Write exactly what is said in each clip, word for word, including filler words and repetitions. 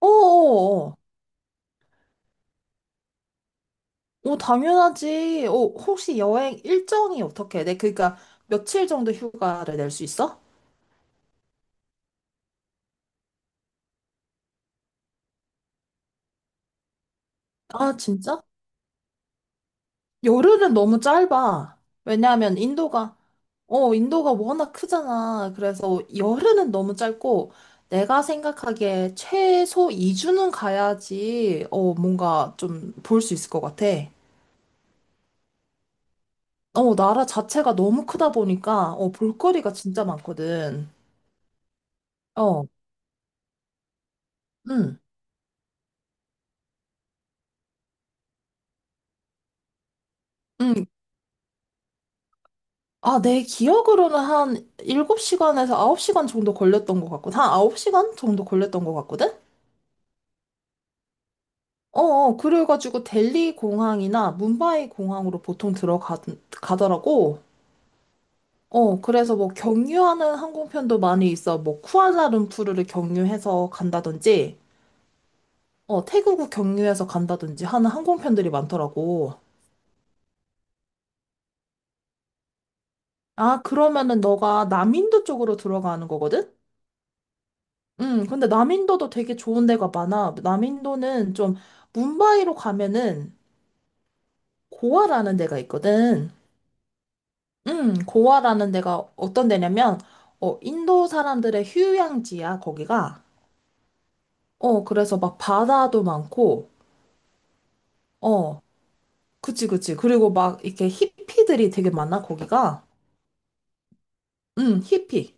어어어. 어, 어. 어, 당연하지. 어, 혹시 여행 일정이 어떻게 돼? 그러니까 며칠 정도 휴가를 낼 수 있어? 아, 진짜? 열흘은 너무 짧아. 왜냐하면 인도가, 어, 인도가 워낙 크잖아. 그래서 열흘은 너무 짧고, 내가 생각하기에 최소 이 주는 가야지, 어, 뭔가 좀 볼 수 있을 것 같아. 어, 나라 자체가 너무 크다 보니까, 어, 볼거리가 진짜 많거든. 어, 응. 응, 아, 내 기억으로는 한 일곱 시간에서 아홉 시간 정도 걸렸던 것 같고, 한 아홉 시간 정도 걸렸던 것 같거든? 어, 어, 그래가지고 델리 공항이나 뭄바이 공항으로 보통 들어가, 가더라고. 어, 그래서 뭐 경유하는 항공편도 많이 있어. 뭐 쿠알라룸푸르를 경유해서 간다든지, 어, 태국을 경유해서 간다든지 하는 항공편들이 많더라고. 아, 그러면은 너가 남인도 쪽으로 들어가는 거거든? 음, 근데 남인도도 되게 좋은 데가 많아. 남인도는 좀 뭄바이로 가면은 고아라는 데가 있거든. 음, 고아라는 데가 어떤 데냐면 어, 인도 사람들의 휴양지야, 거기가. 어, 그래서 막 바다도 많고. 어, 그치, 그치. 그리고 막 이렇게 히피들이 되게 많아, 거기가. 음, 히피.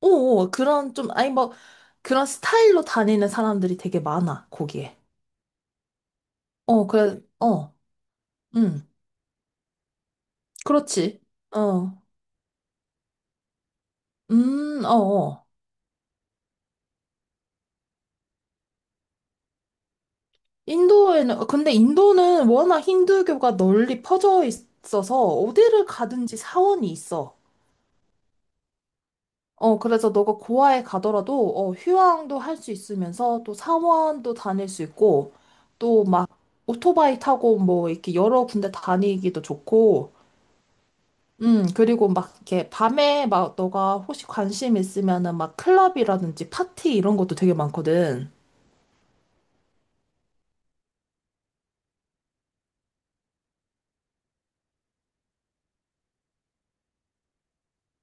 오, 오, 그런 좀 아니 뭐 그런 스타일로 다니는 사람들이 되게 많아, 거기에. 어, 그래. 어. 음. 그렇지. 어. 음, 어어. 인도에는, 어, 근데 인도는 워낙 힌두교가 널리 퍼져 있어서 어디를 가든지 사원이 있어. 어, 그래서 너가 고아에 가더라도, 어, 휴양도 할 수 있으면서 또 사원도 다닐 수 있고, 또 막 오토바이 타고 뭐 이렇게 여러 군데 다니기도 좋고, 음, 그리고 막 이렇게 밤에 막 너가 혹시 관심 있으면은 막 클럽이라든지 파티 이런 것도 되게 많거든.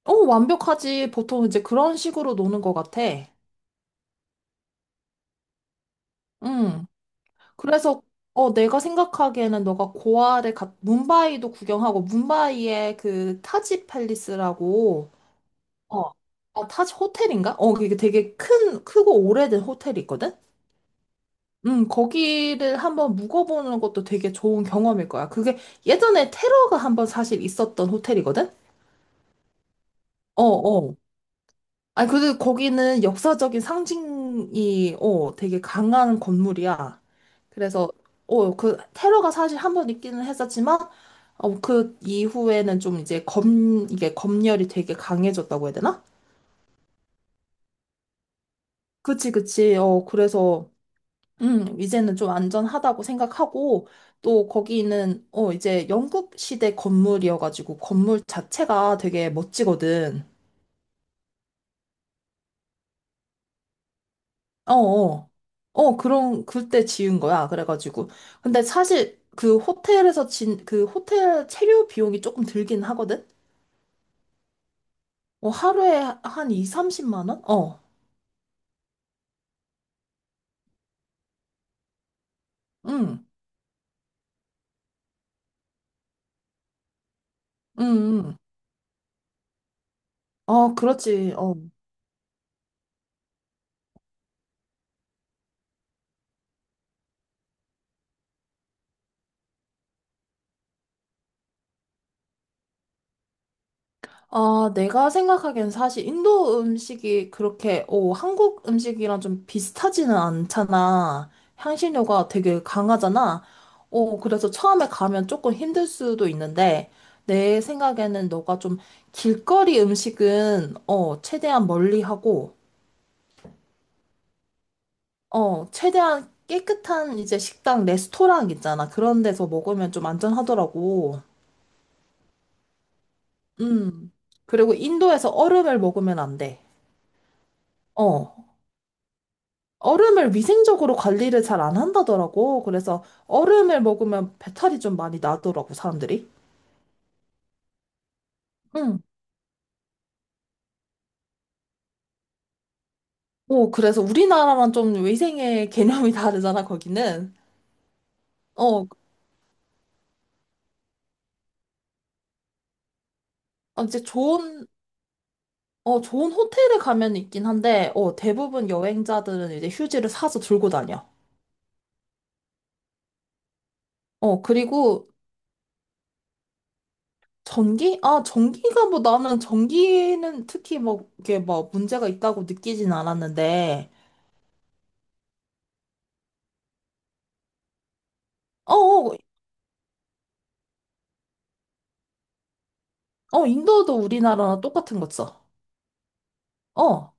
어, 완벽하지. 보통 이제 그런 식으로 노는 것 같아. 응. 그래서 어 내가 생각하기에는 너가 고아를 갔 문바이도 구경하고 문바이의 그 타지 팰리스라고. 어. 아, 타지 호텔인가? 어 이게 되게 큰 크고 오래된 호텔이 있거든. 음, 거기를 한번 묵어보는 것도 되게 좋은 경험일 거야. 그게 예전에 테러가 한번 사실 있었던 호텔이거든? 어, 어. 아니, 그래도 거기는 역사적인 상징이, 어, 되게 강한 건물이야. 그래서, 어, 그, 테러가 사실 한 번 있기는 했었지만, 어, 그 이후에는 좀 이제 검, 이게 검열이 되게 강해졌다고 해야 되나? 그치, 그치. 어, 그래서, 음, 이제는 좀 안전하다고 생각하고, 또 거기는, 어, 이제 영국 시대 건물이어가지고, 건물 자체가 되게 멋지거든. 어, 어. 어, 그런, 그때 지은 거야. 그래가지고. 근데 사실 그 호텔에서 진, 그 호텔 체류 비용이 조금 들긴 하거든? 어, 하루에 한 이, 삼십만 원? 어. 응, 응, 응. 어, 그렇지. 어. 아, 내가 생각하기엔 사실 인도 음식이 그렇게, 오, 한국 음식이랑 좀 비슷하지는 않잖아. 향신료가 되게 강하잖아. 오, 그래서 처음에 가면 조금 힘들 수도 있는데, 내 생각에는 너가 좀 길거리 음식은, 어, 최대한 멀리 하고, 어, 최대한 깨끗한 이제 식당, 레스토랑 있잖아. 그런 데서 먹으면 좀 안전하더라고. 음. 그리고 인도에서 얼음을 먹으면 안 돼. 어. 얼음을 위생적으로 관리를 잘 안 한다더라고. 그래서 얼음을 먹으면 배탈이 좀 많이 나더라고, 사람들이. 응. 어, 그래서 우리나라랑 좀 위생의 개념이 다르잖아, 거기는. 어, 어, 이제 좋은, 어, 좋은 호텔에 가면 있긴 한데, 어, 대부분 여행자들은 이제 휴지를 사서 들고 다녀. 어, 그리고 전기? 아, 전기가 뭐 나는 전기는 특히 뭐 이게 뭐 문제가 있다고 느끼진 않았는데, 어, 어, 어, 인도도 우리나라랑 똑같은 거 써. 어.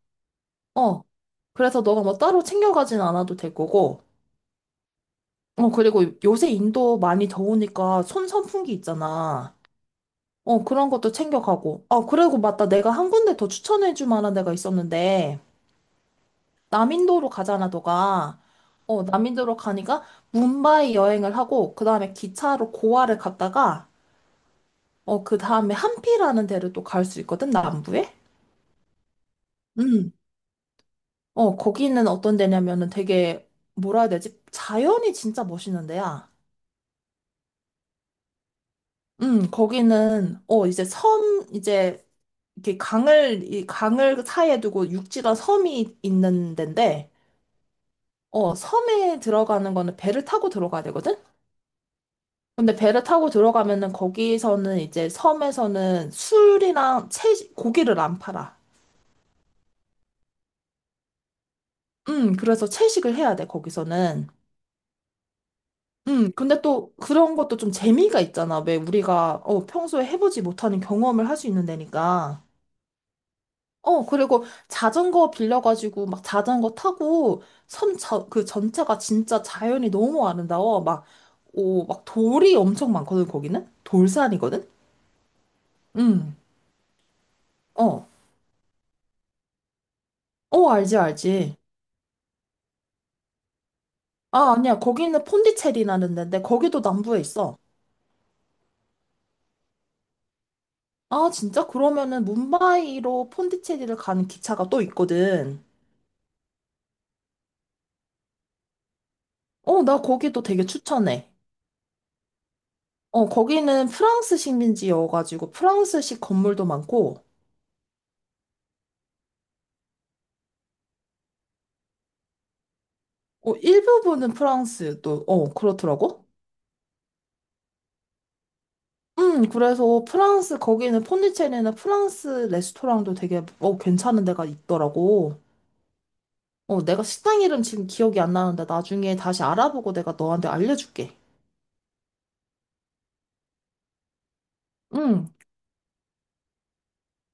어, 그래서 너가 뭐 따로 챙겨가진 않아도 될 거고, 어, 그리고 요새 인도 많이 더우니까 손 선풍기 있잖아. 어, 그런 것도 챙겨가고. 어 그리고 맞다. 내가 한 군데 더 추천해줄 만한 데가 있었는데, 남인도로 가잖아, 너가. 어, 남인도로 가니까 뭄바이 여행을 하고, 그 다음에 기차로 고아를 갔다가, 어, 그 다음에 함피라는 데를 또 갈 수 있거든, 남부에? 음. 어, 거기는 어떤 데냐면은 되게, 뭐라 해야 되지? 자연이 진짜 멋있는 데야. 음, 거기는, 어, 이제 섬, 이제, 이렇게 강을, 이 강을 사이에 두고 육지가 섬이 있는 데인데, 어, 섬에 들어가는 거는 배를 타고 들어가야 되거든? 근데 배를 타고 들어가면은 거기서는 이제 섬에서는 술이랑 채식, 고기를 안 팔아. 음, 그래서 채식을 해야 돼, 거기서는. 음, 근데 또 그런 것도 좀 재미가 있잖아. 왜 우리가, 어, 평소에 해보지 못하는 경험을 할 수 있는 데니까. 어, 그리고 자전거 빌려가지고 막 자전거 타고 섬, 저, 그 전체가 진짜 자연이 너무 아름다워. 막, 오, 막 돌이 엄청 많거든, 거기는? 돌산이거든? 응, 어. 어, 알지, 알지. 아, 아니야. 거기는 폰디체리라는 데인데, 거기도 남부에 있어. 아, 진짜? 그러면은 뭄바이로 폰디체리를 가는 기차가 또 있거든. 어, 나 거기도 되게 추천해. 어, 거기는 프랑스 식민지여가지고 프랑스식 건물도 많고, 어, 일부분은 프랑스 또, 어, 그렇더라고. 음, 그래서 프랑스, 거기는 폰디체리는 프랑스 레스토랑도 되게, 어, 괜찮은 데가 있더라고. 어, 내가 식당 이름 지금 기억이 안 나는데 나중에 다시 알아보고 내가 너한테 알려줄게. 응.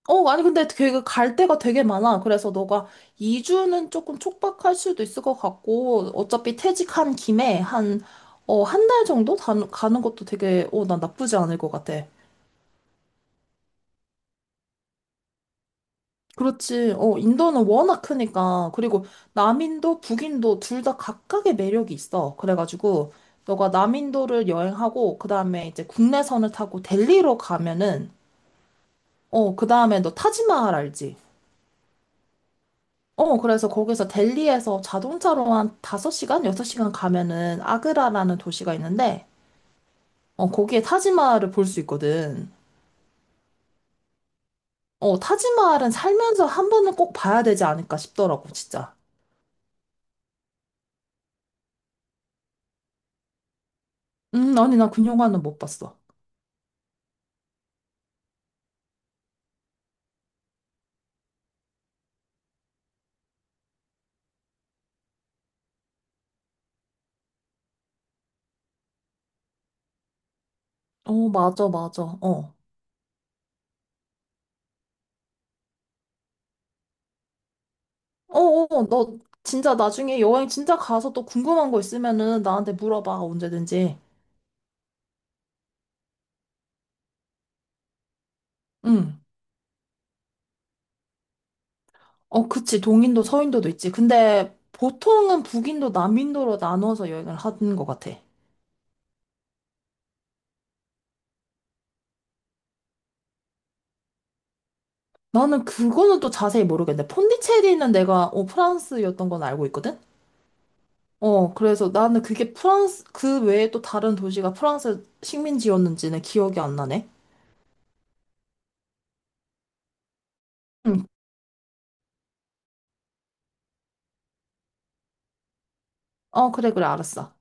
어, 아니, 근데 되게 갈 데가 되게 많아. 그래서 너가 이 주는 조금 촉박할 수도 있을 것 같고, 어차피 퇴직한 김에 한, 어, 한 달 정도 다- 가는 것도 되게, 어, 난 나쁘지 않을 것 같아. 그렇지. 어, 인도는 워낙 크니까. 그리고 남인도 북인도 둘 다 각각의 매력이 있어. 그래가지고 너가 남인도를 여행하고 그다음에 이제 국내선을 타고 델리로 가면은 어, 그다음에 너 타지마할 알지? 어, 그래서 거기서 델리에서 자동차로 한 다섯 시간, 여섯 시간 가면은 아그라라는 도시가 있는데 어, 거기에 타지마할을 볼 수 있거든. 어, 타지마할은 살면서 한 번은 꼭 봐야 되지 않을까 싶더라고, 진짜. 음, 아니 나 그 영화는 못 봤어. 어, 맞아, 맞아. 어. 어, 어, 너 진짜 나중에 여행 진짜 가서 또 궁금한 거 있으면은 나한테 물어봐, 언제든지. 응. 어, 그치. 동인도 서인도도 있지. 근데 보통은 북인도 남인도로 나눠서 여행을 하는 것 같아. 나는 그거는 또 자세히 모르겠는데, 폰디체리는 내가 어, 프랑스였던 건 알고 있거든? 어, 그래서 나는 그게 프랑스, 그 외에 또 다른 도시가 프랑스 식민지였는지는 기억이 안 나네. 응. 어, 그래, 그래, 알았어.